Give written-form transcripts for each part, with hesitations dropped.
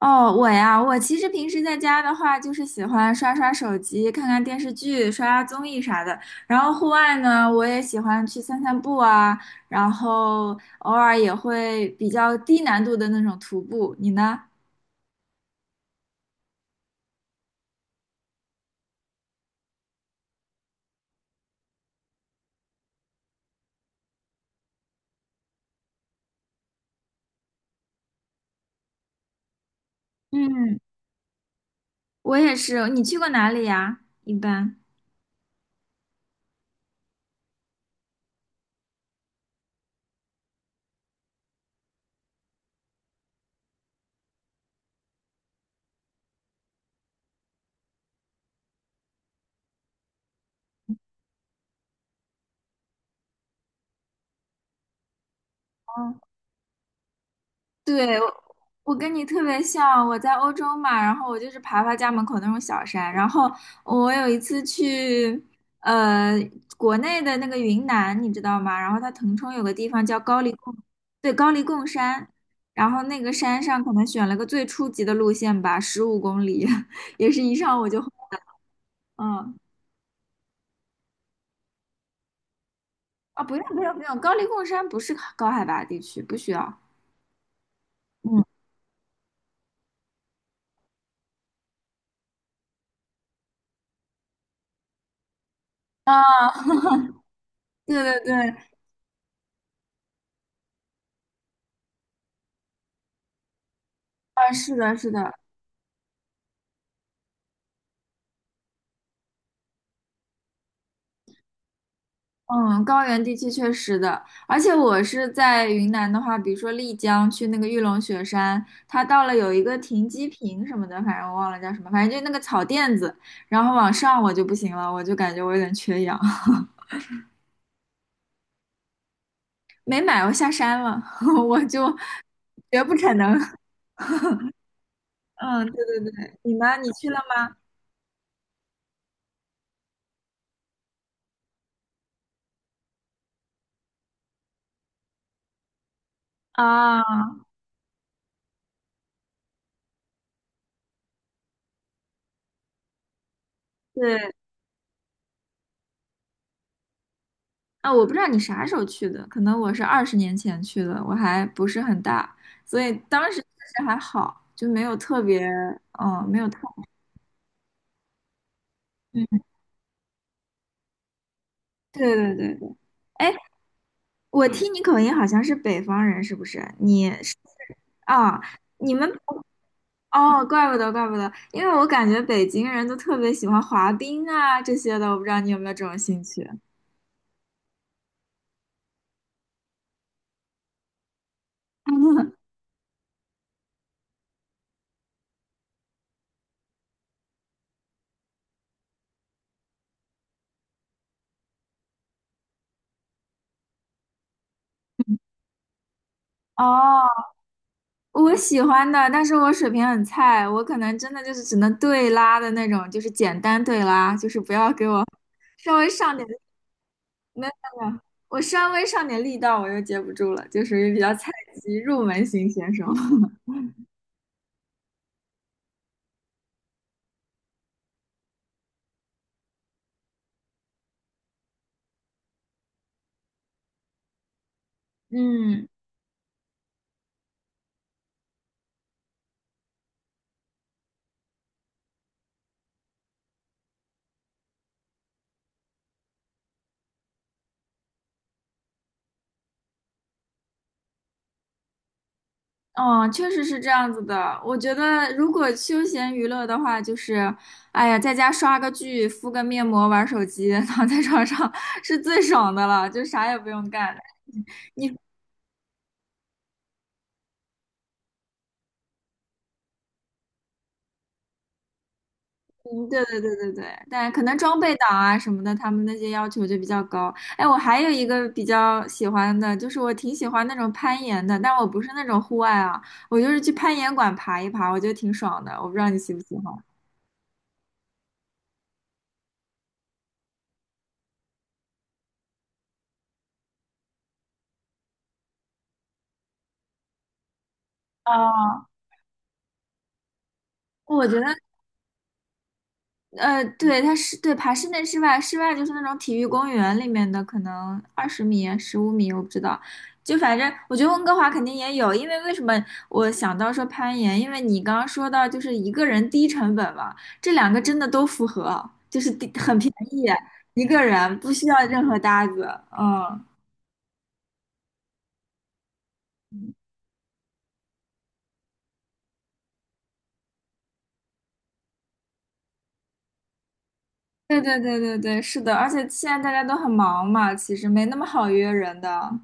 哦，我呀，我其实平时在家的话，就是喜欢刷刷手机、看看电视剧、刷刷综艺啥的。然后户外呢，我也喜欢去散散步啊，然后偶尔也会比较低难度的那种徒步。你呢？嗯，我也是。你去过哪里呀？一般。对，我跟你特别像，我在欧洲嘛，然后我就是爬爬家门口那种小山，然后我有一次去呃国内的那个云南，你知道吗？然后它腾冲有个地方叫高黎贡，对，高黎贡山，然后那个山上可能选了个最初级的路线吧，15公里，也是一上午就嗯啊，不用不用不用，高黎贡山不是高海拔地区，不需要。嗯啊，对对对，啊，是的，是的，嗯，高原地区确实的，而且我是在云南的话，比如说丽江去那个玉龙雪山，它到了有一个停机坪什么的，反正我忘了叫什么，反正就那个草垫子，然后往上我就不行了，我就感觉我有点缺氧，没买，我下山了，我就绝不可能。嗯，对对对，你呢？你去了吗？啊，对。啊，我不知道你啥时候去的，可能我是20年前去的，我还不是很大，所以当时确实还好，就没有特别，嗯，没有特，嗯，对对对对。哎，我听你口音好像是北方人，是不是？你是啊，你们哦，怪不得怪不得，因为我感觉北京人都特别喜欢滑冰啊这些的，我不知道你有没有这种兴趣。哦，我喜欢的，但是我水平很菜，我可能真的就是只能对拉的那种，就是简单对拉，就是不要给我稍微上点那个，我稍微上点力道我就接不住了，就属于比较菜鸡入门型选手。嗯，哦，确实是这样子的。我觉得如果休闲娱乐的话，就是，哎呀，在家刷个剧、敷个面膜、玩手机，躺在床上 是最爽的了，就啥也不用干。嗯，对对对对对，但可能装备党啊什么的，他们那些要求就比较高。哎，我还有一个比较喜欢的，就是我挺喜欢那种攀岩的，但我不是那种户外啊，我就是去攀岩馆爬一爬，我觉得挺爽的。我不知道你喜不喜欢。啊？我觉得呃，对，它是对爬室内、室外，室外就是那种体育公园里面的，可能20米啊、15米，我不知道。就反正我觉得温哥华肯定也有，因为为什么我想到说攀岩？因为你刚刚说到就是一个人低成本嘛，这两个真的都符合，就是低很便宜，一个人不需要任何搭子。嗯，对对对对对，是的，而且现在大家都很忙嘛，其实没那么好约人的。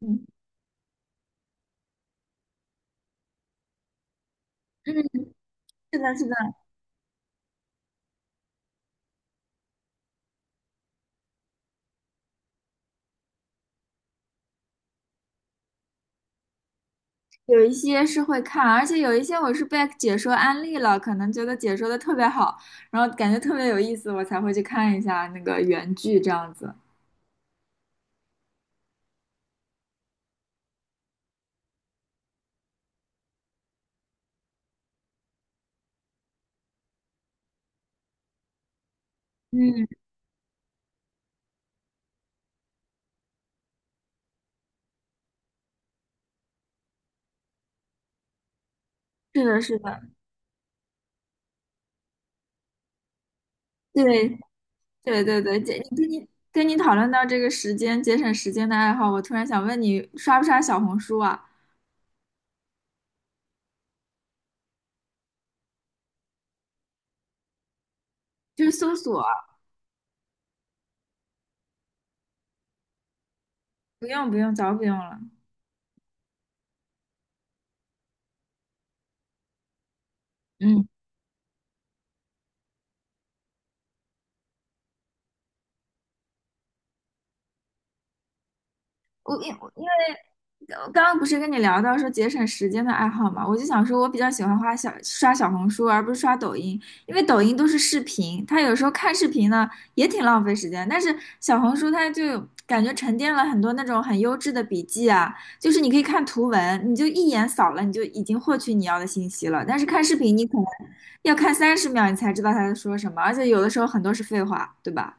嗯嗯，是的，是的。有一些是会看，而且有一些我是被解说安利了，可能觉得解说的特别好，然后感觉特别有意思，我才会去看一下那个原剧这样子。嗯，是的，是的，对，对对对，姐，跟你跟你讨论到这个时间节省时间的爱好，我突然想问你，刷不刷小红书啊？就是搜索啊不用不用，早不用了。嗯。我因为我刚刚不是跟你聊到说节省时间的爱好嘛，我就想说，我比较喜欢刷小红书，而不是刷抖音，因为抖音都是视频，它有时候看视频呢也挺浪费时间，但是小红书它就感觉沉淀了很多那种很优质的笔记啊，就是你可以看图文，你就一眼扫了，你就已经获取你要的信息了，但是看视频你可能要看30秒你才知道他在说什么，而且有的时候很多是废话，对吧？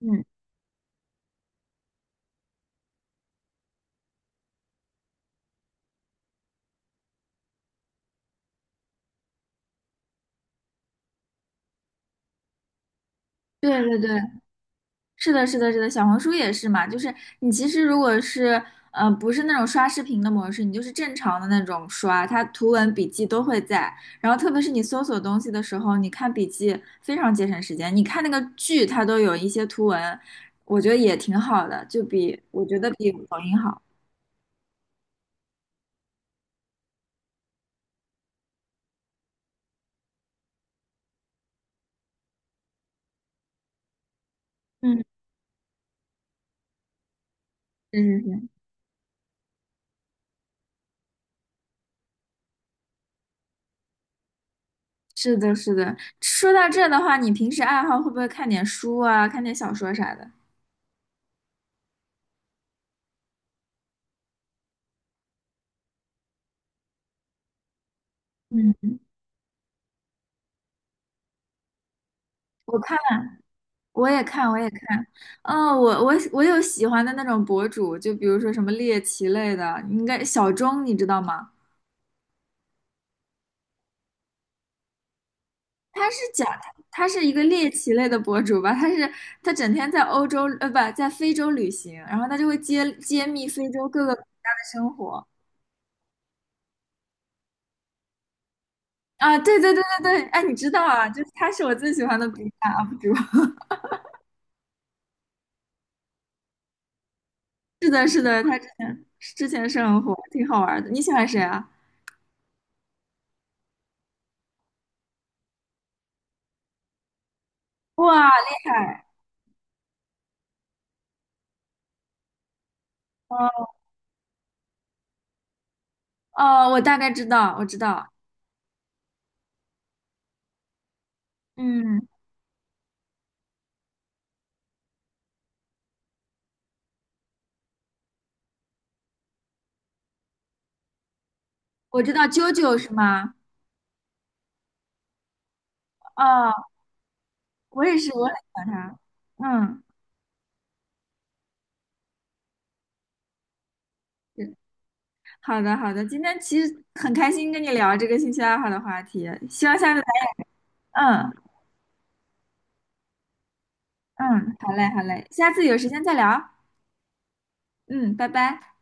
嗯，对对对，是的，是的，是的，小红书也是嘛，就是你其实如果是不是那种刷视频的模式，你就是正常的那种刷，它图文笔记都会在。然后特别是你搜索东西的时候，你看笔记非常节省时间。你看那个剧，它都有一些图文，我觉得也挺好的，就比我觉得比抖音好。嗯。是是是，是的，是的。说到这的话，你平时爱好会不会看点书啊，看点小说啥的？嗯。我看。我也看，我也看。哦，我有喜欢的那种博主，就比如说什么猎奇类的，应该小钟你知道吗？他是讲他是一个猎奇类的博主吧，他整天在欧洲不在非洲旅行，然后他就会揭揭秘非洲各个国家的生活啊，对对对对对，哎，你知道啊，就是他是我最喜欢的 B 站 UP 主，是的，是的，他之前是很火，挺好玩的。你喜欢谁啊？哇，厉害！哦哦，我大概知道，我知道。嗯，我知道啾啾是吗？哦，我也是，我很喜欢他。嗯，是好的好的，今天其实很开心跟你聊这个兴趣爱好的话题，希望下次来，嗯嗯，好嘞好嘞，下次有时间再聊。嗯，拜拜。